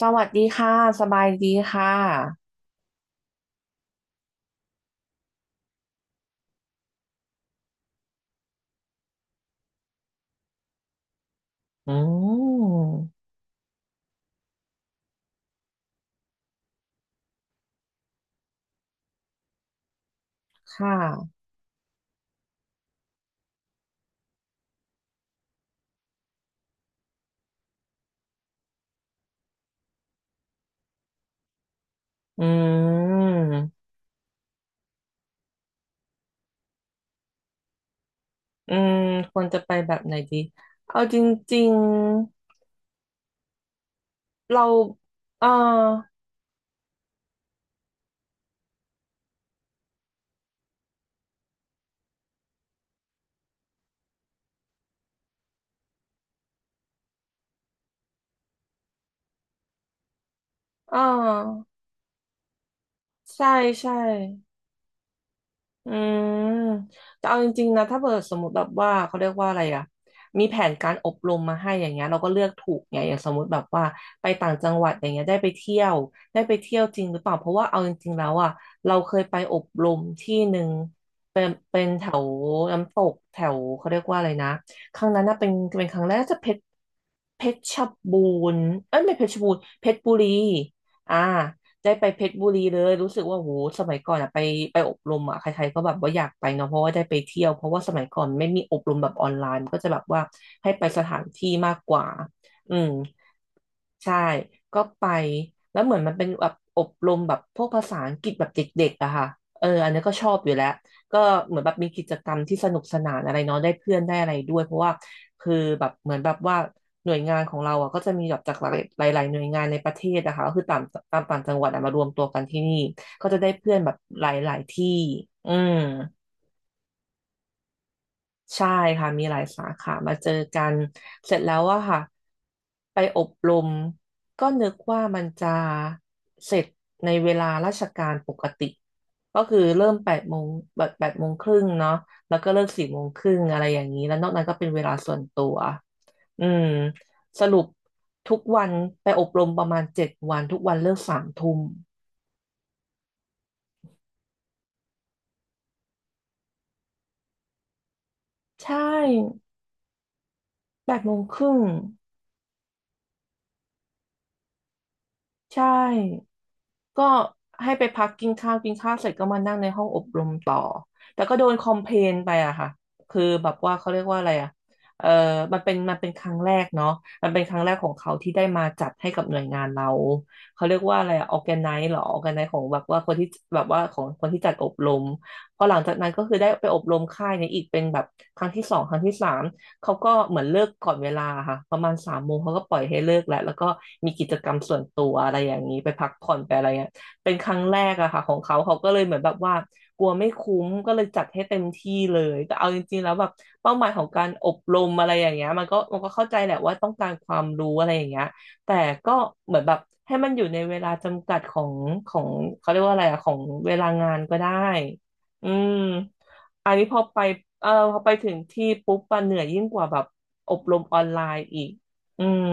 สวัสดีค่ะ สบายดีค่ะ อืม ค่ะ อืม อืมควรจะไปแบบไหนดี เอาจริงๆ เราเออเออใช่ ใช่ อืมแต่เอาจริงๆนะถ้าเกิดสมมติแบบว่าเขาเรียกว่าอะไรอะมีแผนการอบรมมาให้อย่างเงี้ยเราก็เลือกถูกไงอย่างสมมติแบบว่าไปต่างจังหวัดอย่างเงี้ยได้ไปเที่ยวได้ไปเที่ยวจริงหรือเปล่าเพราะว่าเอาจริงๆแล้วอะเราเคยไปอบรมที่หนึ่งเป็นแถวน้ำตกแถวเขาเรียกว่าอะไรนะครั้งนั้นน่ะเป็นเป็นครั้งแรกน่าจะเพชรเพชรบูรณ์เอ้ยไม่เพชรบูรณ์เพชรบุรีอ่า ได้ไปเพชรบุรีเลยรู้สึกว่าโหสมัยก่อนอะไปไปอบรมอะใครๆก็แบบว่าอยากไปเนาะเพราะว่าได้ไปเที่ยวเพราะว่าสมัยก่อนไม่มีอบรมแบบออนไลน์มันก็จะแบบว่าให้ไปสถานที่มากกว่าอืม ใช่ ก็ไปแล้วเหมือนมันเป็นแบบอบรมแบบพวกภาษาอังกฤษแบบเด็กๆอะค่ะเอออันนี้ก็ชอบอยู่แล้ว ก็เหมือนแบบมีกิจกรรมที่สนุกสนานอะไรเนาะได้เพื่อนได้อะไรด้วย เพราะว่าคือแบบเหมือนแบบว่าหน่วยงานของเราอะก็จะมีแบบจากหลายหลายๆหน่วยงานในประเทศนะคะก็คือตามต่างจังหวัดอะมารวมตัวกันที่นี่ก็จะได้เพื่อนแบบหลายๆที่อืม ใช่ค่ะมีหลายสาขามาเจอกันเสร็จแล้วอะค่ะไปอบรมก็นึกว่ามันจะเสร็จในเวลาราชการปกติก็คือเริ่มแปดโมงแบบแปดโมงครึ่งเนาะแล้วก็เลิกสี่โมงครึ่งอะไรอย่างนี้แล้วนอกนั้นก็เป็นเวลาส่วนตัวอืมสรุปทุกวันไปอบรมประมาณเจ็ดวันทุกวันเลิกสามทุ่มใช่แปดโมงครึ่งใช่ ก็ให้ไปพักกินข้าวกินข้าวเสร็จก็มานั่งในห้องอบรมต่อแต่ก็โดนคอมเพลนไปอะค่ะคือแบบว่าเขาเรียกว่าอะไรอะเออมันเป็นครั้งแรกเนาะมันเป็นครั้งแรกของเขาที่ได้มาจัดให้กับหน่วยงานเราเขาเรียกว่าอะไรออร์แกไนซ์หรอออร์แกไนซ์ของแบบว่าคนที่แบบว่าของคนที่จัดอบรมพอหลังจากนั้นก็คือได้ไปอบรมค่ายนี้อีกเป็นแบบครั้งที่สองครั้งที่สาม เขาก็เหมือนเลิกก่อนเวลาค่ะประมาณสามโมงเขาก็ปล่อยให้เลิกแล้วแล้วก็มีกิจกรรมส่วนตัวอะไรอย่างนี้ไปพักผ่อนไปอะไรเงี้ยเป็นครั้งแรกอะค่ะของเขาเขาก็เลยเหมือนแบบว่ากลัวไม่คุ้มก็เลยจัดให้เต็มที่เลยแต่เอาจริงๆแล้วแบบเป้าหมายของการอบรมอะไรอย่างเงี้ยมันก็เข้าใจแหละว่าต้องการความรู้อะไรอย่างเงี้ยแต่ก็เหมือนแบบให้มันอยู่ในเวลาจำกัดของเขาเรียกว่าอะไรอะของเวลางานก็ได้อืม อันนี้พอไปเออพอไปถึงที่ปุ๊บมันเหนื่อยยิ่งกว่าแบบอบรมออนไลน์อีกอืม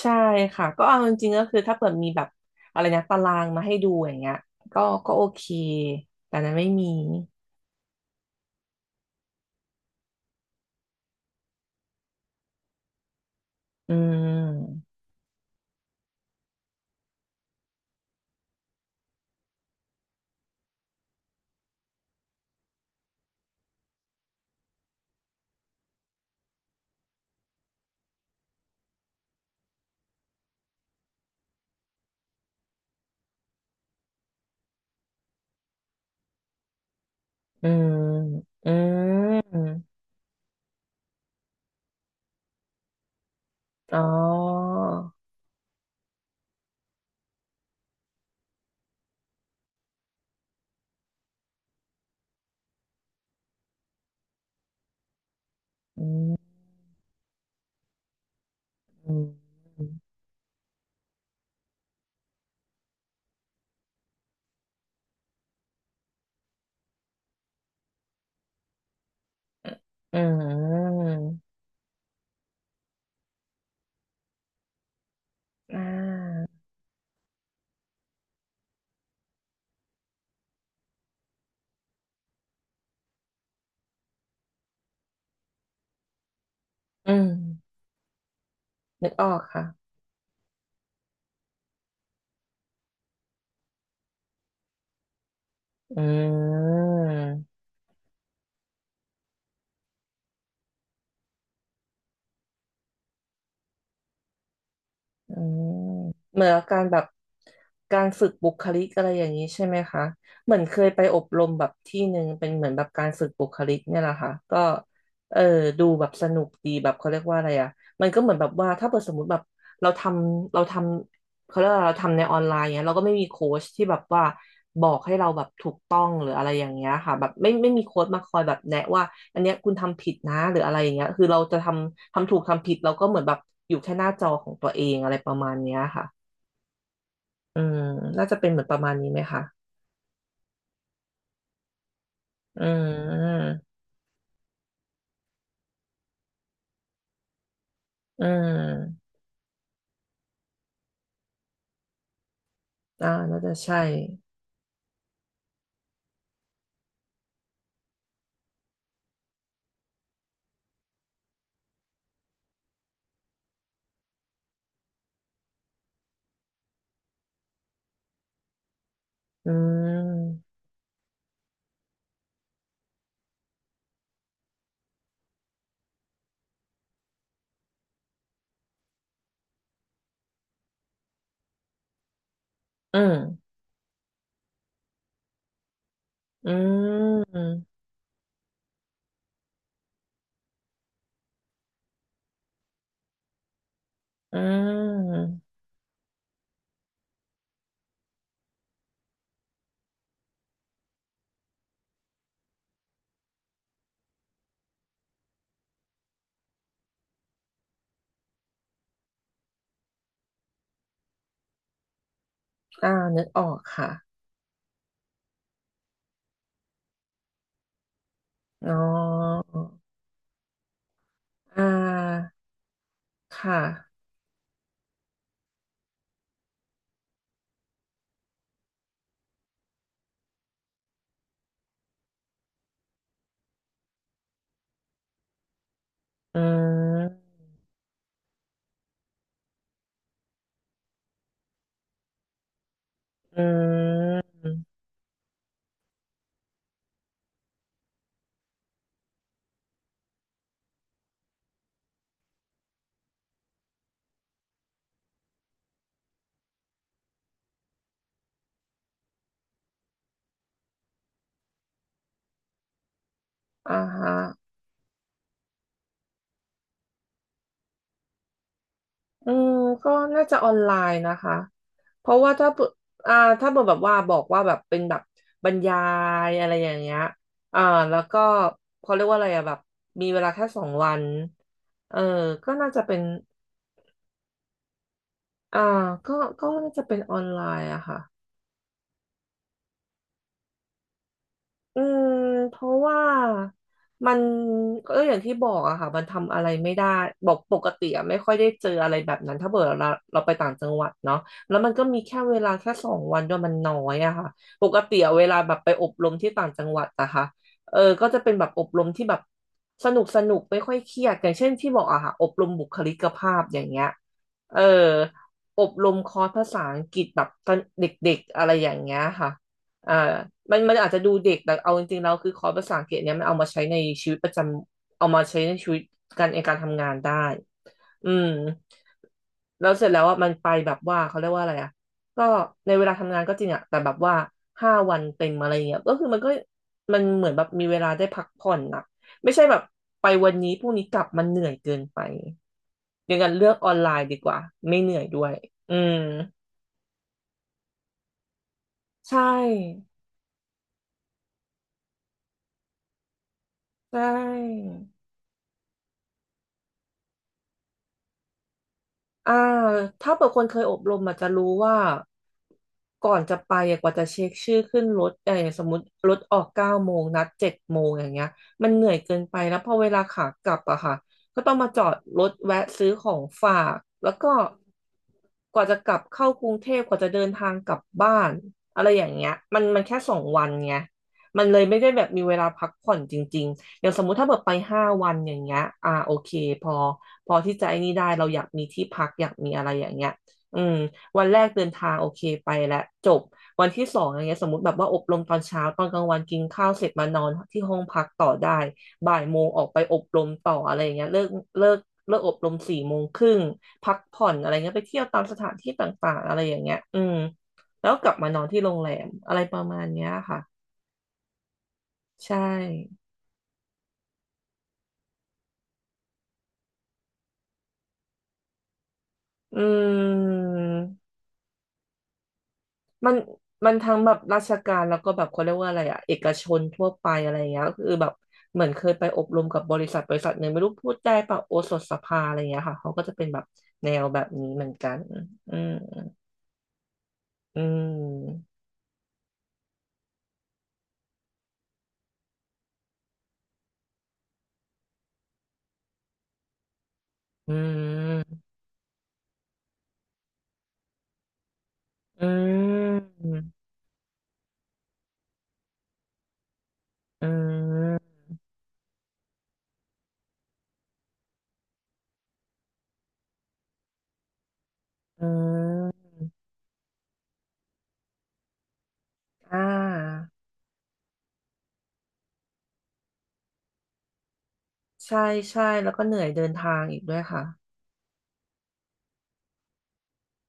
ใช่ค่ะก็เอาจริงๆก็คือถ้าเปิดมีแบบอะไรนะตารางมาให้ดูอย่างเงี้ยก็โอเคแต่นั้นไม่มีอืมอืมอืมอ๋ออืมอืมอืมอ่าอืมนึกออกค่ะอืม อืมเหมือนการแบบการฝึกบุคลิกอะไรอย่างนี้ใช่ไหมคะเหมือนเคยไปอบรมแบบที่หนึ่งเป็นเหมือนแบบการฝึกบุคลิกเนี่ยแหละค่ะก็เออดูแบบสนุกดีแบบเขาเรียกว่าอะไรอ่ะมันก็เหมือนแบบว่าถ้าเกิดสมมติแบบเราทเราทำเขาเรียกว่าเราทำในออนไลน์เนี่ยเราก็ไม่มีโค้ชที่แบบว่าบอกให้เราแบบถูกต้องหรืออะไรอย่างเงี้ยค่ะแบบไม่มีโค้ชมาคอยแบบแนะว่า อันเนี้ยคุณทำผิดนะหรืออะไรอย่างเงี้ยคือเราจะทำถูกทำผิดเราก็เหมือนแบบอยู่แค่หน้าจอของตัวเองอะไรประมาณเนี้ยค่ะอืมน่าจะเป็นเหมือนประมาณนี้ไหมคะอืมอืมอ่าน่าจะใช่อืมอืมอืมอืมอ่านึกออกค่ะอ๋ออ่าค่ะอืมอืมอ่าฮะ อืมก็น่าจะออนไลน์นะคะเพราะว่าถ้าเปิดอ่าถ้าเปิดแบบว่าบอกว่าแบบเป็นแบบบรรยายอะไรอย่างเงี้ยอ่าแล้วก็เขาเรียกว่าอะไรอะแบบมีเวลาแค่สองวันเออก็น่าจะเป็นอ่าก็ก็น่าจะเป็นออนไลน์อะค่ะ อืมเพราะว่ามันก็อย่างที่บอกอะค่ะมันทำอะไรไม่ได้บอกปกติอะไม่ค่อยได้เจออะไรแบบนั้นถ้าเกิดเราไปต่างจังหวัดเนาะแล้วมันก็มีแค่เวลาแค่สองวันด้วยมันน้อยอะค่ะปกติอะเวลาแบบไปอบรมที่ต่างจังหวัดอะค่ะเออก็จะเป็นแบบอบรมที่แบบสนุกสนุกไม่ค่อยเครียดอย่างเช่นที่บอกอะค่ะอบรมบุคลิกภาพอย่างเงี้ยเอออบรมคอร์สภาษาอังกฤษแบบตอนเด็กๆอะไรอย่างเงี้ยค่ะ อ่ามันอาจจะดูเด็กแต่เอาจริงๆแล้วคือคอร์สภาษาอังกฤษเนี่ยมันเอามาใช้ในชีวิตประจำเอามาใช้ในชีวิตการในการทำงานได้อืมแล้วเสร็จแล้วอ่ะมันไปแบบว่าเขาเรียกว่าอะไรอ่ะก็ในเวลาทำงานก็จริงอ่ะแต่แบบว่าห้าวันเต็มอะไรเงี้ยก็คือมันก็มันเหมือนแบบมีเวลาได้พักผ่อนอ่ะไม่ใช่แบบไปวันนี้พรุ่งนี้กลับมันเหนื่อยเกินไปอย่างนั้นเลือกออนไลน์ดีกว่าไม่เหนื่อยด้วยอืมใช่ใช่ อ่าถ้าเปิดคนเคยอบรมอาจจะรู้ว่าก่อนจะไปอะกว่าจะเช็คชื่อขึ้นรถเออสมมติรถออก9 โมงนัด7 โมงอย่างเงี้ยมันเหนื่อยเกินไปแล้วพอเวลาขากลับอะค่ะก็ต้องมาจอดรถแวะซื้อของฝากแล้วก็กว่าจะกลับเข้ากรุงเทพกว่าจะเดินทางกลับบ้านอะไรอย่างเงี้ยมันแค่สองวันไงมันเลยไม่ได้แบบมีเวลาพักผ่อนจริงๆ อย่างสมมุติถ้าแบบไป5 วันอย่างเงี้ยอ่าโอเคพอพอที่จะไอ้นี่ได้เราอยากมีที่พักอยากมีอะไรอย่างเงี้ยอืมวันแรกเดินทางโอเคไปแล้วจบวันที่สองอย่างเงี้ยสมมติแบบว่าอบรมตอนเช้าตอนกลางวันกินข้าวเสร็จมานอนที่ห้องพักต่อได้บ่ายโมงออกไปอบรมต่ออะไรอย่างเงี้ยเลิกเลิกอบรม4 โมงครึ่งพักผ่อนอะไรเงี้ยไปเที่ยวตามสถานที่ต่างๆอะไรอย่างเงี้ยอืมแล้วกลับมานอนที่โรงแรมอะไรประมาณเนี้ยค่ะใช่อืม มันมันทั้งแบบราชการแล้วก็แบบเขาเรียกว่าอะไรอะเอกชนทั่วไปอะไรอย่างเงี้ยก็คือแบบเหมือนเคยไปอบรมกับบริษัทบริษัทหนึ่งไม่รู้พูดได้ปะโอสถสภาอะไรอย่างเงี้ยค่ะเขาก็จะเป็นแบบแนวแบบนี้เหมือนกันอืมอืมอืมอืมอืมอืมอ่าใช่ใช่แล้วก็เหนื่อยเดินทางอีกด้วยค่ะ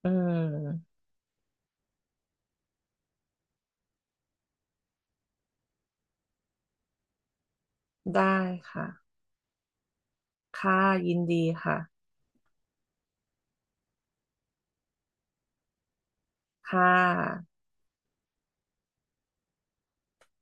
อืมได้ค่ะค่ะยินดีค่ะค่ะ